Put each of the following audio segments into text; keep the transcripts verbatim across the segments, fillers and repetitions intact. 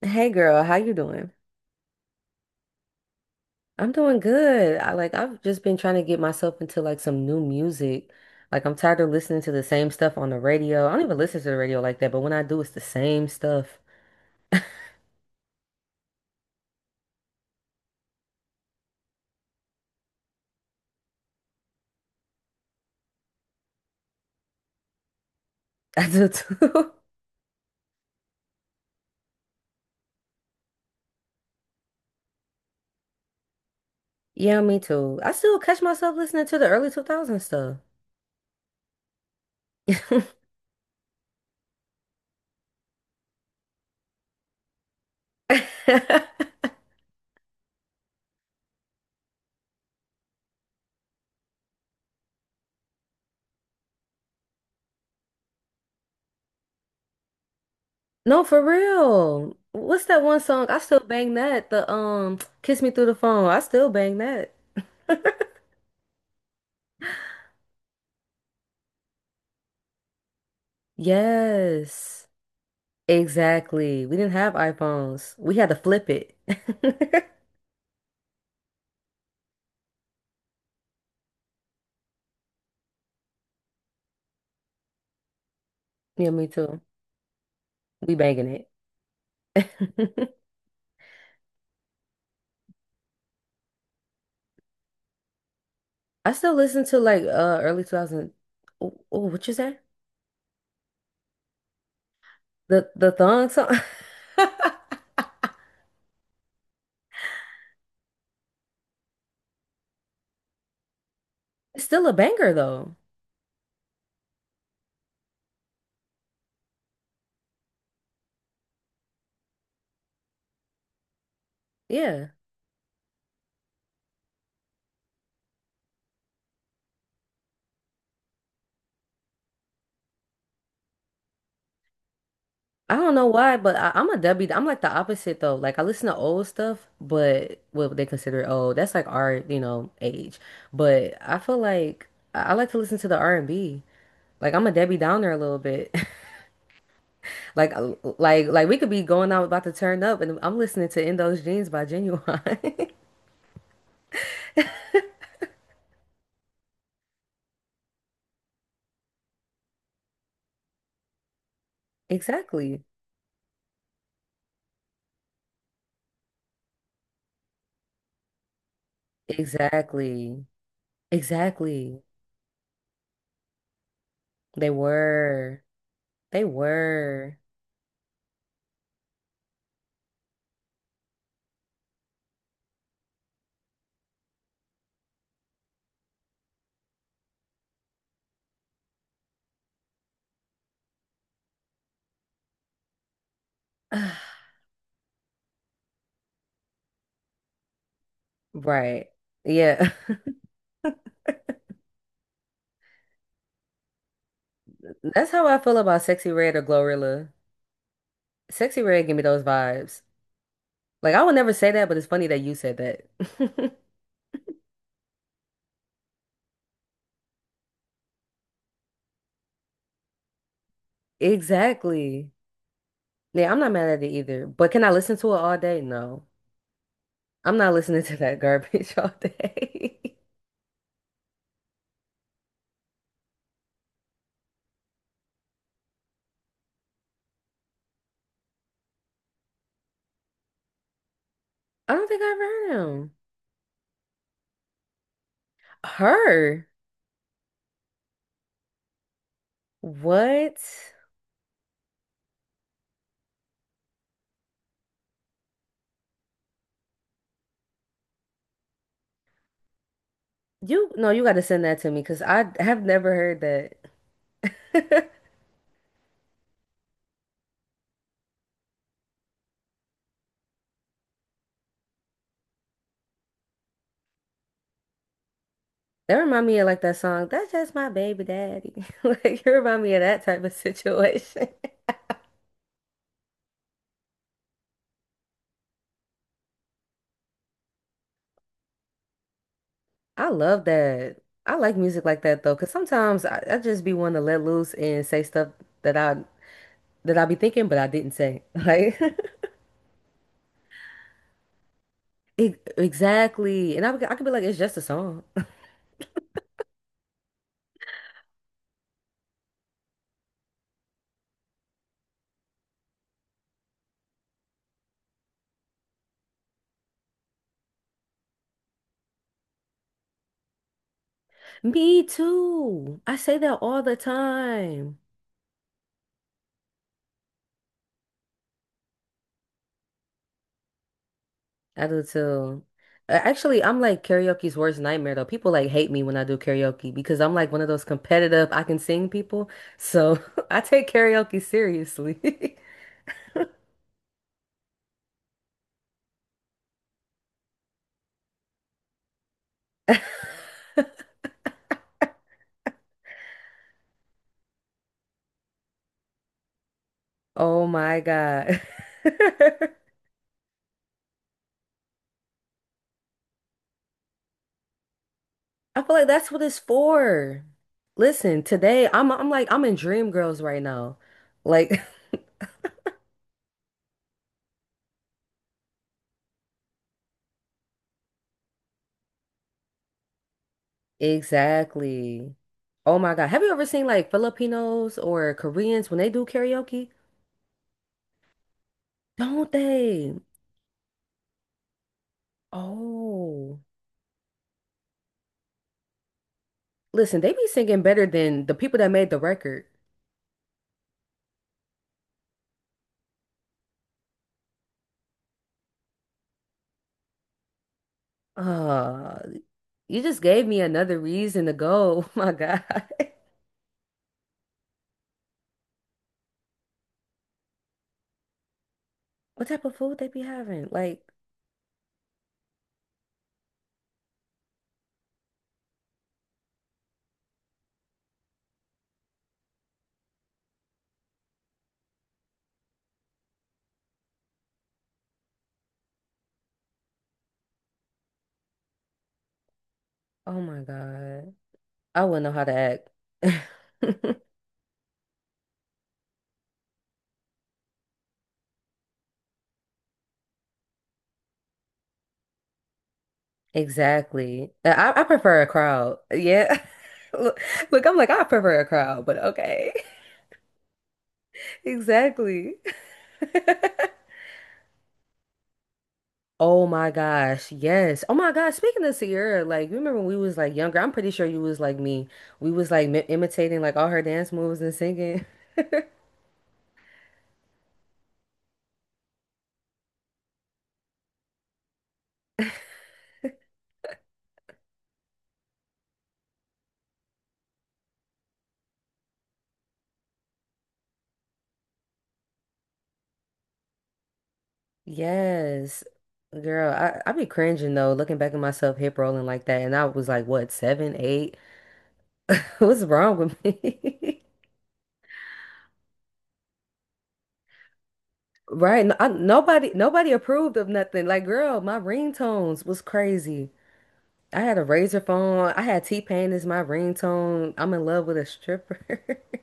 Hey girl, how you doing? I'm doing good. I like I've just been trying to get myself into like some new music. Like I'm tired of listening to the same stuff on the radio. I don't even listen to the radio like that, but when I do, it's the same stuff. I do too. Yeah, me too. I still catch myself listening to the early two thousands stuff. No, for real. What's that one song? I still bang that. The um Kiss Me Through the Phone. I still bang that. Yes. Exactly. We didn't have iPhones. We had to flip it. Yeah, me too. We banging it. I still listen to like uh early two thousand. Oh, oh, what you say? The the thong song. It's still a banger though. Yeah. I don't know why, but I, I'm a W. I'm like the opposite though. Like I listen to old stuff, but what they consider old, that's like our, you know, age. But I feel like I, I like to listen to the R and B. Like I'm a Debbie Downer a little bit. Like, uh, like, like we could be going out about to turn up, and I'm listening to In Those Jeans by Genuine. Exactly. Exactly. Exactly. They were. They were. Right. Yeah. That's how I feel about Sexy Red or Glorilla. Sexy Red give me those vibes. Like I would never say that, but it's funny that you said that. Exactly. Yeah, I'm not mad at it either. But can I listen to it all day? No. I'm not listening to that garbage all day. I don't think I've heard him. Her? What? You no, you got to send that to me because I have never heard that. That remind me of like that song, That's Just My Baby Daddy. Like you remind me of that type of situation. I love that. I like music like that though, because sometimes I, I just be wanting to let loose and say stuff that I that I be thinking but I didn't say. Like e- exactly. And I, be- I could be like, it's just a song. Me too. I say that all the time. I do too. Uh, Actually, I'm like karaoke's worst nightmare though. People like hate me when I do karaoke because I'm like one of those competitive, I can sing people. So I take karaoke seriously. Oh my God. I feel like that's what it's for. Listen, today I'm I'm like I'm in Dream Girls right now. Like exactly. Oh my God. Have you ever seen like Filipinos or Koreans when they do karaoke? Don't they? Oh. Listen, they be singing better than the people that made the record. Uh, you just gave me another reason to go. Oh my God. What type of food they be having? Like, oh my God. I wouldn't know how to act. Exactly. I, I prefer a crowd. Yeah. Look, look, I'm like, I prefer a crowd, but okay. Exactly. Oh my gosh, yes. Oh my gosh, speaking of Sierra, like you remember when we was like younger, I'm pretty sure you was like me. We was like mi imitating like all her dance moves and singing. Yes. Girl, I I be cringing though, looking back at myself hip rolling like that, and I was like, what, seven, eight? What's wrong with me? Right? No, I, nobody nobody approved of nothing. Like, girl, my ringtones was crazy. I had a razor phone. I had T-Pain as my ringtone. I'm in love with a stripper.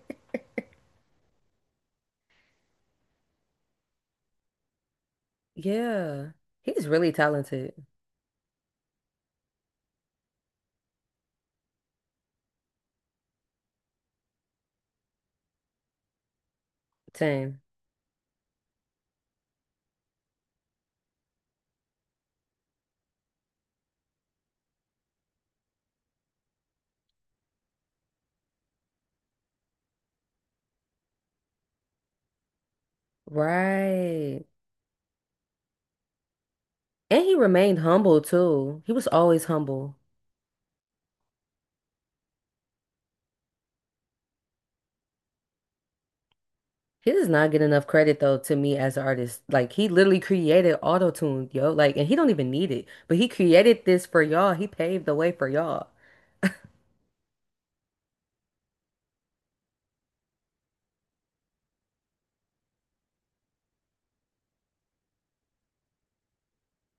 Yeah. He's really talented. Ten. Right. And he remained humble too. He was always humble. He does not get enough credit though to me as an artist. Like he literally created autotune, yo. Like and he don't even need it. But he created this for y'all. He paved the way for y'all.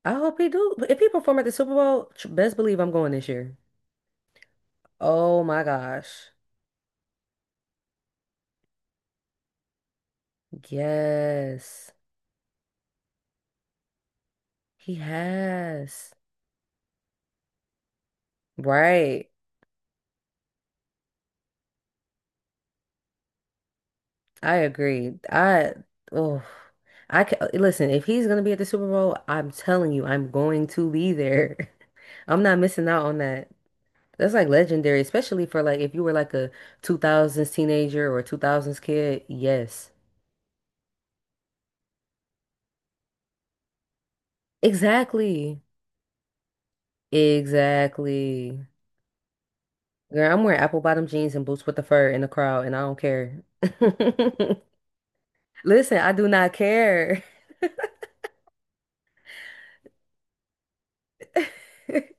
I hope he do. If he perform at the Super Bowl, tr- best believe I'm going this year. Oh my gosh. Yes. He has. Right. I agree. I oh I ca Listen, if he's gonna be at the Super Bowl, I'm telling you, I'm going to be there. I'm not missing out on that. That's like legendary, especially for like if you were like a two thousands teenager or two thousands kid. Yes. Exactly. Exactly. Girl, I'm wearing apple bottom jeans and boots with the fur in the crowd and I don't care. Listen, I do not care.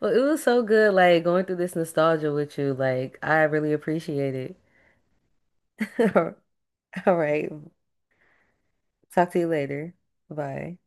Well, it was so good, like going through this nostalgia with you. Like, I really appreciate it. All right. Talk to you later. Bye.